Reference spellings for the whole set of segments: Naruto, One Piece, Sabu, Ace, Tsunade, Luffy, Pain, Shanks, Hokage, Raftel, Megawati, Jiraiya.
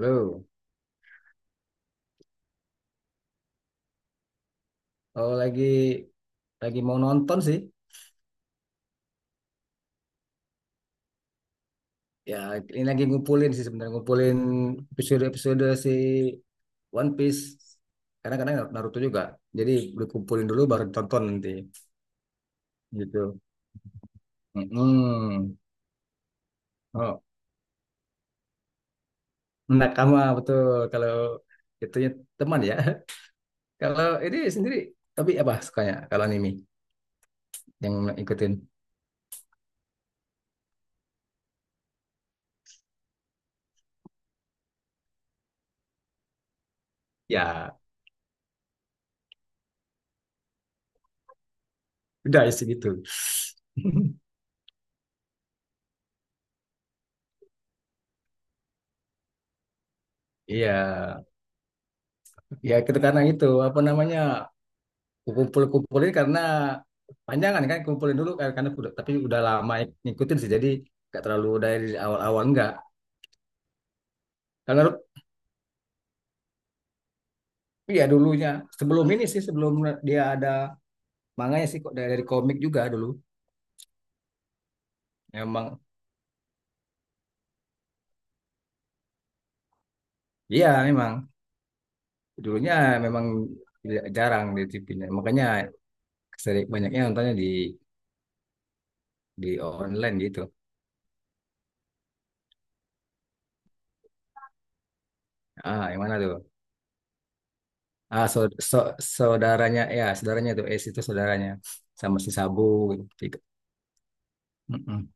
Lu, Kalau lagi mau nonton sih. Ya, ini lagi ngumpulin sih, sebenarnya ngumpulin episode-episode si One Piece. Karena kadang Naruto juga. Jadi dikumpulin dulu baru ditonton nanti gitu. Mm-mm. Oh, nakama betul, kalau itunya teman ya. Kalau ini sendiri, tapi apa sukanya kalau anime yang ikutin? Ya, udah sih gitu. Iya, ya kita karena itu apa namanya, kumpul-kumpulin karena panjangan kan, kumpulin dulu kan, karena udah, tapi udah lama ya ngikutin sih, jadi nggak terlalu dari awal-awal nggak. Kalau Ruth, iya dulunya, sebelum ini sih, sebelum dia ada manganya sih kok, dari komik juga dulu. Memang, iya memang dulunya memang tidak jarang di TV -nya. Makanya sering banyaknya nontonnya di di online gitu. Ah, yang mana tuh? Ah, so, so, saudaranya ya, saudaranya tuh es, itu saudaranya sama si Sabu gitu.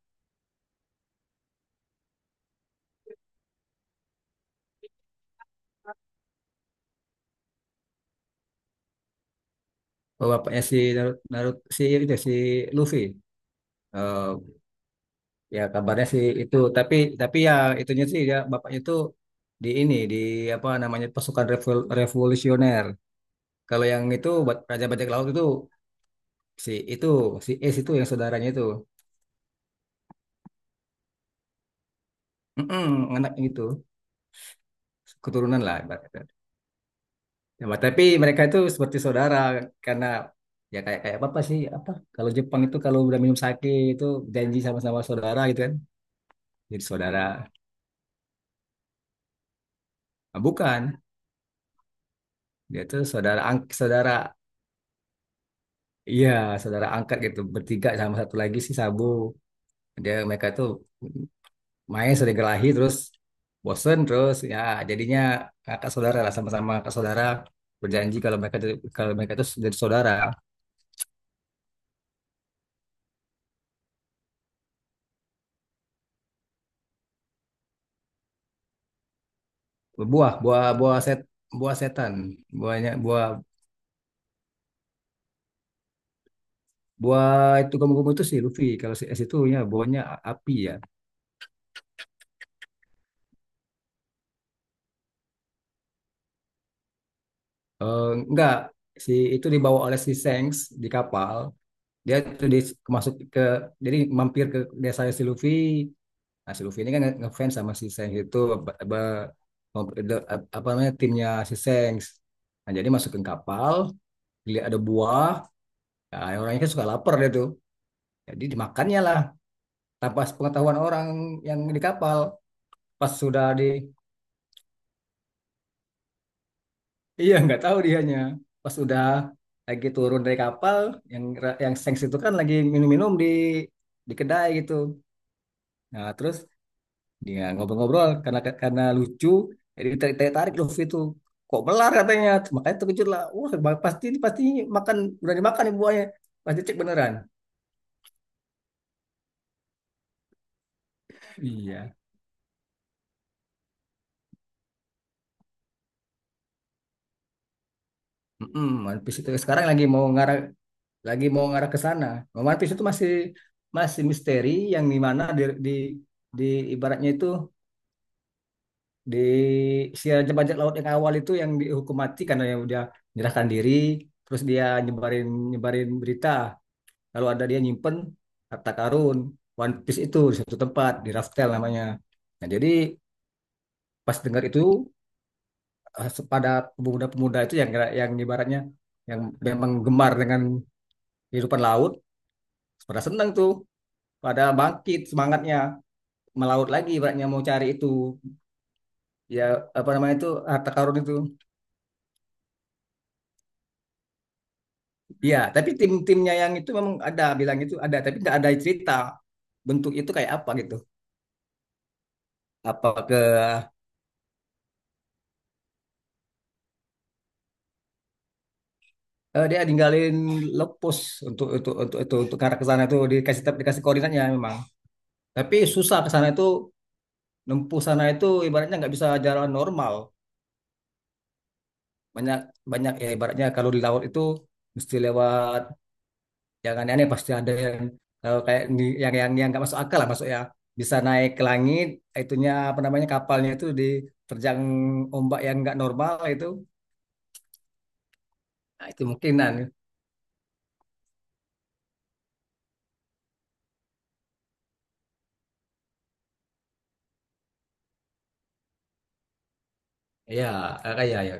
Oh, bapaknya si Naruto, Naruto si itu, si Luffy. Eh, ya kabarnya sih itu, tapi ya itunya sih, ya bapaknya itu di di apa namanya, pasukan revolusioner. Kalau yang itu buat Raja Bajak Laut itu si itu, si Ace itu, yang saudaranya itu. Mm-mm, anak itu keturunan lah ibaratnya. Ya, tapi mereka itu seperti saudara, karena ya kayak kayak apa sih, apa, kalau Jepang itu kalau udah minum sake itu janji sama-sama saudara gitu kan. Jadi saudara. Nah, bukan. Dia tuh saudara saudara, iya, saudara angkat gitu. Bertiga sama satu lagi si Sabu. Dia, mereka tuh main sudah gelahi terus, bosen terus, ya jadinya kakak saudara lah, sama-sama kakak saudara, berjanji kalau kalau mereka itu jadi saudara. Buah buah buah set Buah setan, buahnya buah Buah itu kamu itu si Luffy, kalau si S itu ya buahnya api ya. Eh, enggak, si itu dibawa oleh si Shanks di kapal, dia tuh masuk ke, jadi mampir ke desa si Luffy. Nah, si Luffy ini kan ngefans sama si Shanks itu, apa, apa apa namanya, timnya si Shanks. Nah, jadi masukin kapal, lihat ada buah. Nah, orangnya kan suka lapar dia tuh, jadi dimakannya lah, tanpa pengetahuan orang yang di kapal. Pas sudah di, iya nggak tahu dianya. Pas sudah lagi turun dari kapal, yang yang Shanks itu kan lagi minum-minum di kedai gitu. Nah, terus dia ngobrol-ngobrol, karena lucu, jadi tarik-tarik Luffy itu kok melar katanya. Makanya terkejut lah. Wah, pasti ini, pasti makan, berani makan nih buahnya, pasti cek beneran. Iya. Mm-mm, One Piece itu sekarang lagi mau ngarah, lagi mau ngarah ke sana. One Piece itu masih, masih misteri yang di mana di, di ibaratnya itu di, si raja bajak laut yang awal itu, yang dihukum mati karena yang udah menyerahkan diri, terus dia nyebarin, nyebarin berita. Lalu ada dia nyimpen harta karun One Piece itu di satu tempat, di Raftel namanya. Nah, jadi pas dengar itu, eh, pada pemuda-pemuda itu yang ibaratnya, yang memang gemar dengan kehidupan laut, pada senang tuh, pada bangkit semangatnya melaut lagi, ibaratnya mau cari itu ya, apa namanya itu, harta karun itu. Iya, tapi tim-timnya yang itu memang ada bilang itu ada, tapi nggak ada cerita bentuk itu kayak apa gitu. Apa ke, eh, dia ninggalin lepus untuk ke arah ke sana itu, dikasih, dikasih koordinatnya memang. Tapi susah ke sana itu, nempuh sana itu ibaratnya nggak bisa jalan normal. Banyak, banyak ya, ibaratnya kalau di laut itu mesti lewat yang aneh-aneh, pasti ada yang, eh, kayak yang, yang nggak masuk akal lah, masuk ya. Bisa naik ke langit, itunya apa namanya, kapalnya itu diterjang ombak yang nggak normal itu. Nah, itu mungkinan. Iya, ya, kayak ya ya,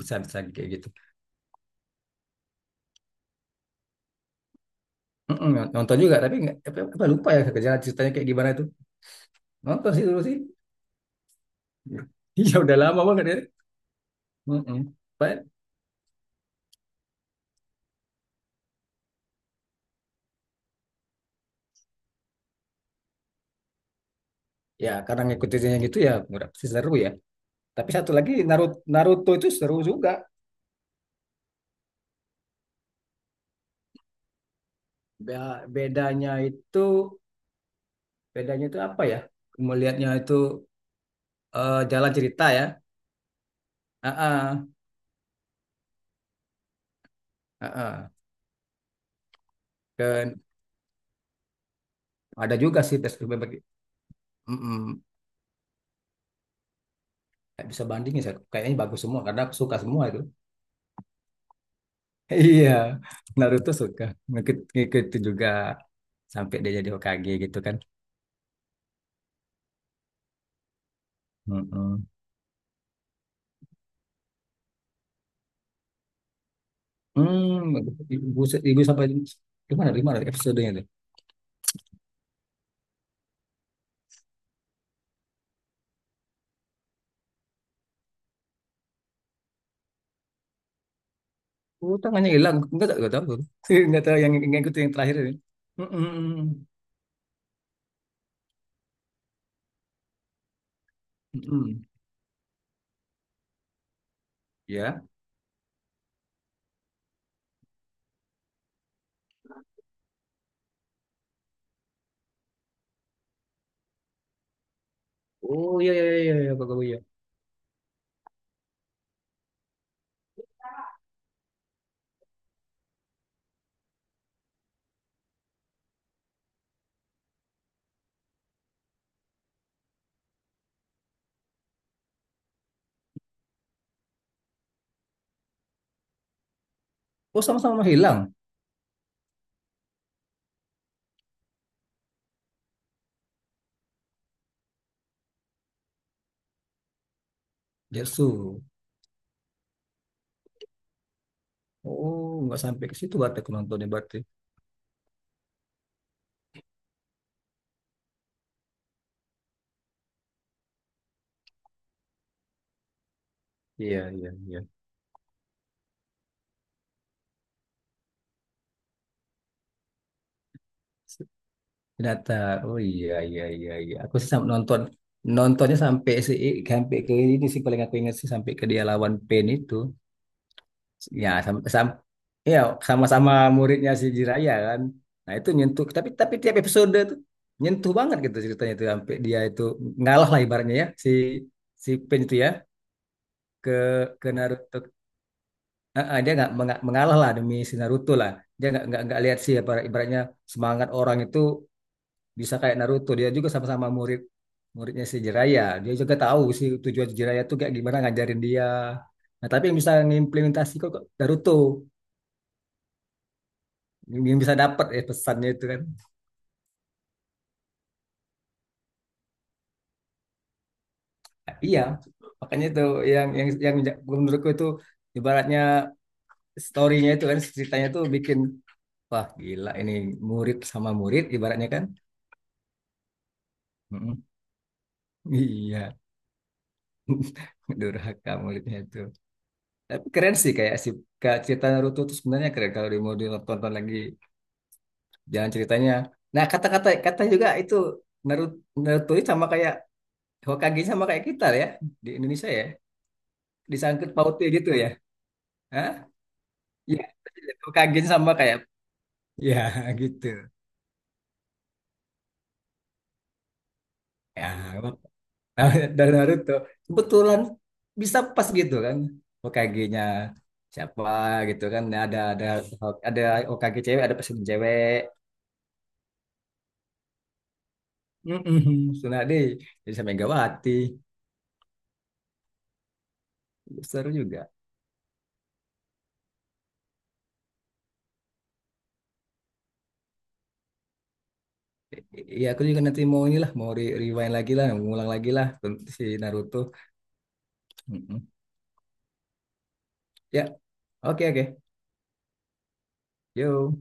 bisa, bisa kayak gitu. Mm-mm, nonton juga, tapi nggak apa, apa lupa ya, kerjaan ceritanya kayak gimana itu, nonton sih dulu sih. Iya, udah lama banget ya. Mm-mm. But, ya karena ngikutinnya gitu ya udah pasti seru ya, tapi satu lagi Naruto, Naruto itu seru juga. Bedanya itu, bedanya itu apa ya, melihatnya itu, eh, jalan cerita ya. Heeh, heeh. Dan ada juga sih perspektif berbagi. Mm-mm. Nggak bisa bandingin saya, kayaknya bagus semua karena aku suka semua itu. Iya, Naruto suka. Ngikut itu juga sampai dia jadi Hokage gitu kan. Mm-mm. Hmm, buset, ibu sampai gimana? Gimana episodenya tuh? Oh, tangannya hilang. Enggak tahu, enggak tahu. Enggak tahu yang ikut yang terakhir ini. Mm-mm. Mm-mm. Ya. Oh iya iya iya iya Pak Bowo, iya. Oh, sama-sama hilang. Jetsu. Oh, nggak sampai ke situ berarti aku nontonnya berarti. Iya iya iya. Data. Oh iya iya iya iya. Aku sam nonton, nontonnya sampai si, sampai ke ini sih, paling aku ingat sih sampai ke dia lawan Pain itu. Ya sama sama, ya sama-sama muridnya si Jiraya kan. Nah itu nyentuh, tapi tiap episode tuh nyentuh banget gitu ceritanya, itu sampai dia itu ngalah lah ibaratnya ya, si, si Pain itu ya, ke ke Naruto. Ah, ah, dia nggak mengalah lah demi si Naruto lah. Dia nggak lihat sih apa ibaratnya semangat orang itu bisa kayak Naruto, dia juga sama-sama murid, muridnya si Jiraiya, dia juga tahu sih tujuan Jiraiya tuh kayak gimana ngajarin dia. Nah tapi yang bisa ngimplementasi kok kok Naruto, yang bisa dapat ya pesannya itu kan. Nah, iya, makanya itu yang, yang ja, menurutku itu ibaratnya storynya itu kan ceritanya tuh bikin wah, gila ini, murid sama murid ibaratnya kan. Mm-mm. Iya, durhaka muridnya itu. Tapi keren sih, kayak si, kayak cerita Naruto tuh sebenarnya keren kalau di mau ditonton lagi jalan ceritanya. Nah, kata-kata, kata juga itu Naruto, Naruto ini sama kayak Hokage, sama kayak kita ya, di Indonesia ya. Disangkut pautnya gitu ya. Hah? Ya, Hokage sama kayak ya gitu. Ya, dari Naruto, kebetulan bisa pas gitu kan. Hokage-nya siapa gitu kan. Nah, ada ada Hokage cewek, ada presiden cewek. Mm-mm, Tsunade, jadi sama Megawati. Seru juga. Iya, aku juga nanti mau inilah, mau rewind lagi lah, ngulang lagi lah tentang si Naruto. Mm-mm. Ya, oke oke. Yo.